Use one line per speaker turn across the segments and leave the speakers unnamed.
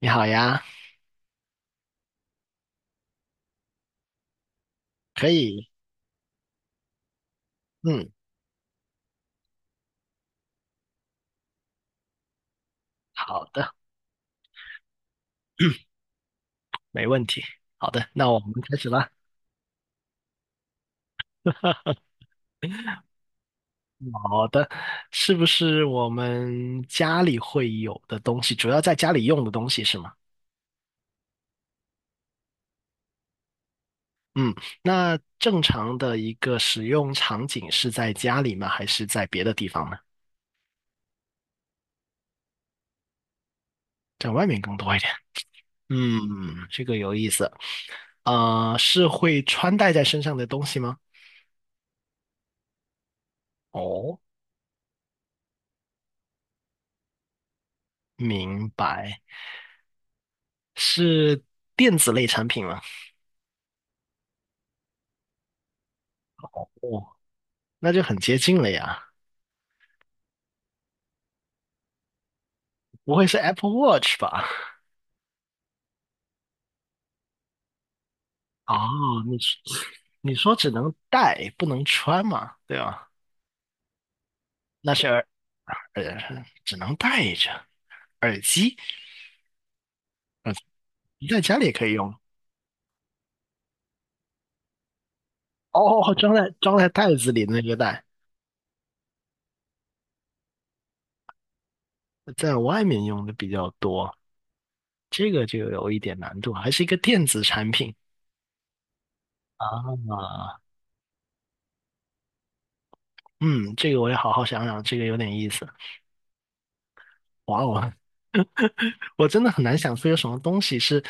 你好呀。可以。嗯。好的，没问题，好的，那我们开始了。好的，是不是我们家里会有的东西，主要在家里用的东西是吗？嗯，那正常的一个使用场景是在家里吗？还是在别的地方呢？在外面更多一点。嗯，这个有意思。啊，是会穿戴在身上的东西吗？哦，明白。是电子类产品吗？哦。那就很接近了呀，不会是 Apple Watch 吧？哦，你说你说只能戴不能穿嘛，对吧？那是耳只能戴着耳机，耳机在家里也可以用哦。装在袋子里的那个袋，在外面用的比较多，这个就有一点难度，还是一个电子产品啊。嗯，这个我也好好想想，这个有点意思。哇哦，我真的很难想出有什么东西是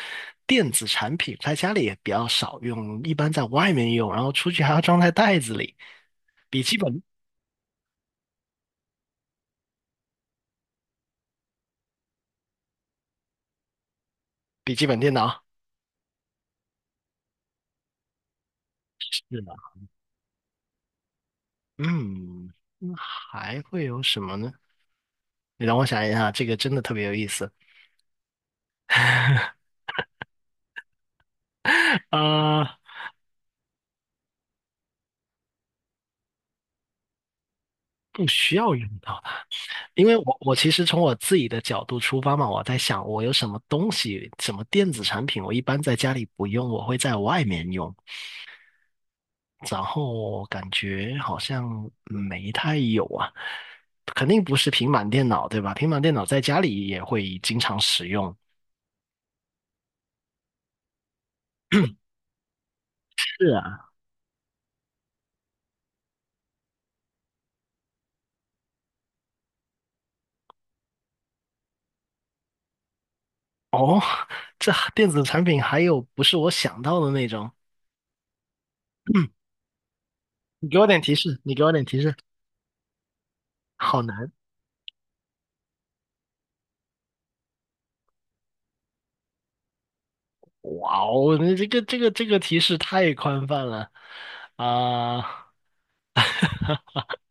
电子产品，在家里也比较少用，一般在外面用，然后出去还要装在袋子里。笔记本，笔记本电脑，是的。嗯，那还会有什么呢？你让我想一下，这个真的特别有意思。呃，不需要用到它，因为我其实从我自己的角度出发嘛，我在想我有什么东西，什么电子产品，我一般在家里不用，我会在外面用。然后感觉好像没太有啊，肯定不是平板电脑，对吧？平板电脑在家里也会经常使用。是啊。哦，这电子产品还有不是我想到的那种。嗯，你给我点提示，好难。哇哦，那这个提示太宽泛了啊！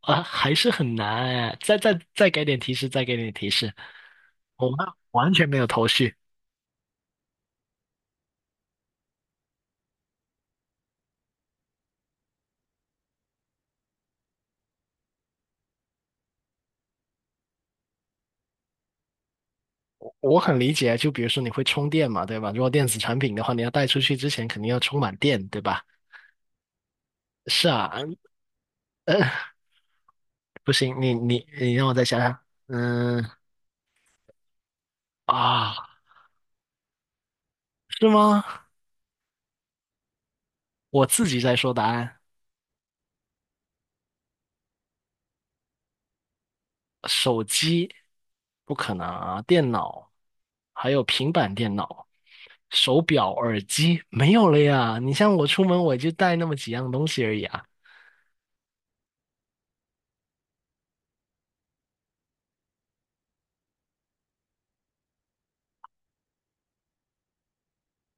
啊，还是很难哎。再给点提示，我完完全没有头绪。我很理解，就比如说你会充电嘛，对吧？如果电子产品的话，你要带出去之前肯定要充满电，对吧？是啊。呃，不行，你让我再想想。嗯，啊，是吗？我自己在说答案。手机不可能啊，电脑还有平板电脑、手表、耳机没有了呀。你像我出门我就带那么几样东西而已啊。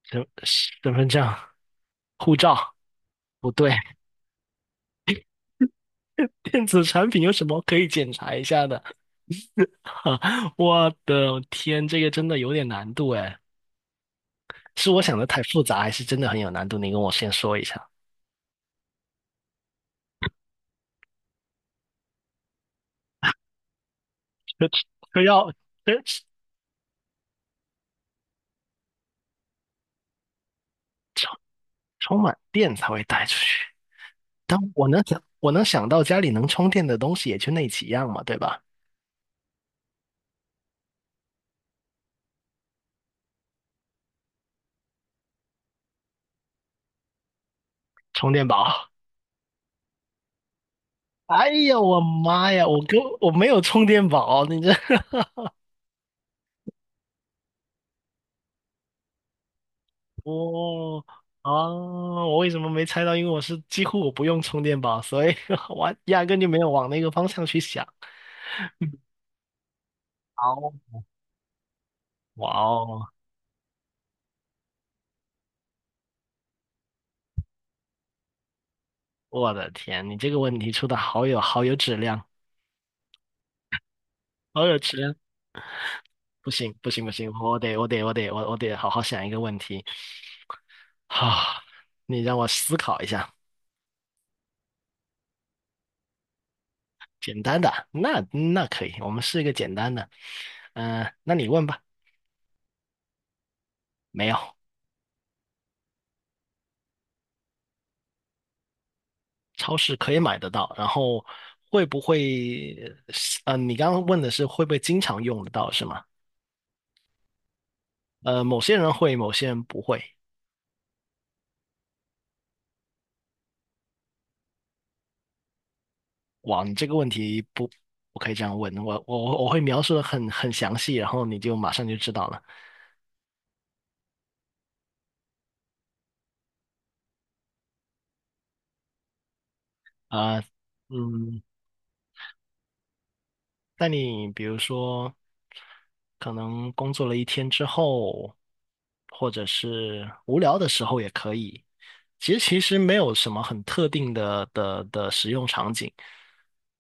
身身份证、护照，不对。电子产品有什么可以检查一下的？我的天，这个真的有点难度哎，是我想的太复杂，还是真的很有难度？你跟我先说一下。这这要这充满电才会带出去，但我能想到家里能充电的东西也就那几样嘛，对吧？充电宝。哎呀，我妈呀，我没有充电宝，你这 哦，啊，我为什么没猜到？因为我是几乎我不用充电宝，所以 我压根就没有往那个方向去想。好。哇哦。我的天，你这个问题出的好有质量，好有质量！不行不行不行，我我得好好想一个问题。好，你让我思考一下。简单的，那那可以，我们试一个简单的。那你问吧。没有。超市可以买得到，然后会不会？你刚刚问的是会不会经常用得到是吗？呃，某些人会，某些人不会。哇，你这个问题不我可以这样问，我我会描述的很详细，然后你就马上就知道了啊。嗯，那你比如说，可能工作了一天之后，或者是无聊的时候也可以，其实没有什么很特定的的使用场景，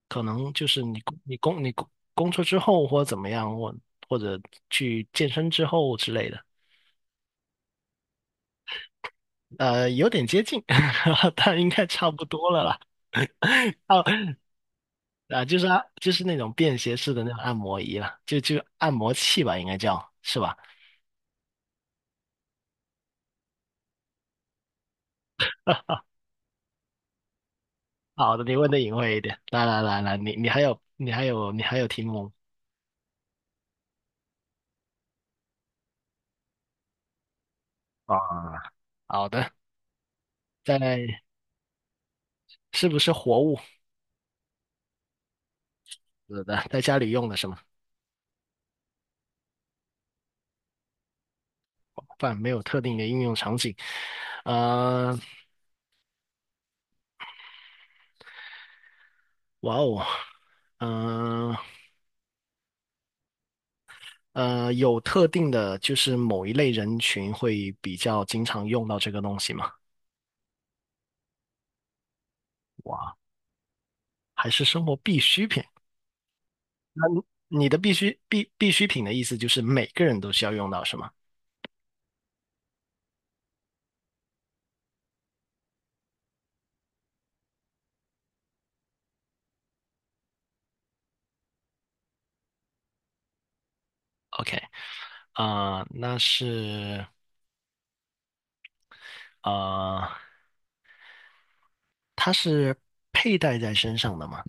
可能就是你工作之后或者怎么样，或者去健身之后之类的。呃，有点接近，但应该差不多了啦。哦，啊，就是啊，就是那种便携式的那种按摩仪了，就按摩器吧，应该叫是吧？好的，你问的隐晦一点。来来来来，你还有题目啊？好的。在是不是活物？是的。在家里用的是吗？饭没有特定的应用场景。呃，哇哦。嗯、呃，有特定的，就是某一类人群会比较经常用到这个东西吗？哇，还是生活必需品？那你你的必需品的意思就是每个人都需要用到，是吗？OK。啊、那是呃，它是佩戴在身上的吗？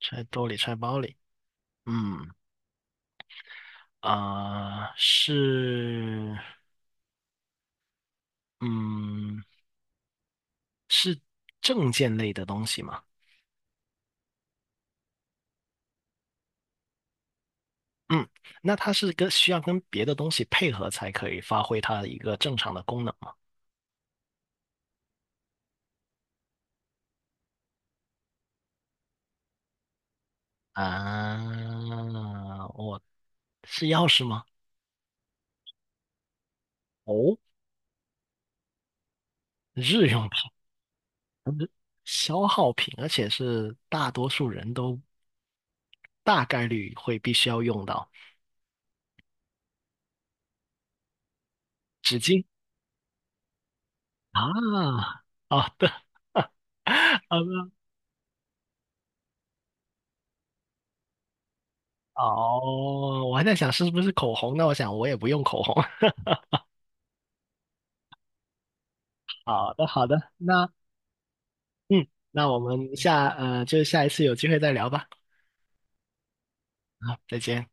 揣兜里，揣包里。嗯，啊、是，嗯，是证件类的东西吗？嗯，那它是需要跟别的东西配合才可以发挥它的一个正常的功能吗？啊，我是钥匙吗？哦，日用品，日消耗品，而且是大多数人都大概率会必须要用到纸巾啊。好的，好的。哦，我还在想是不是口红，那我想我也不用口红。好的，好的，那嗯，那我们下一次有机会再聊吧。好，再见。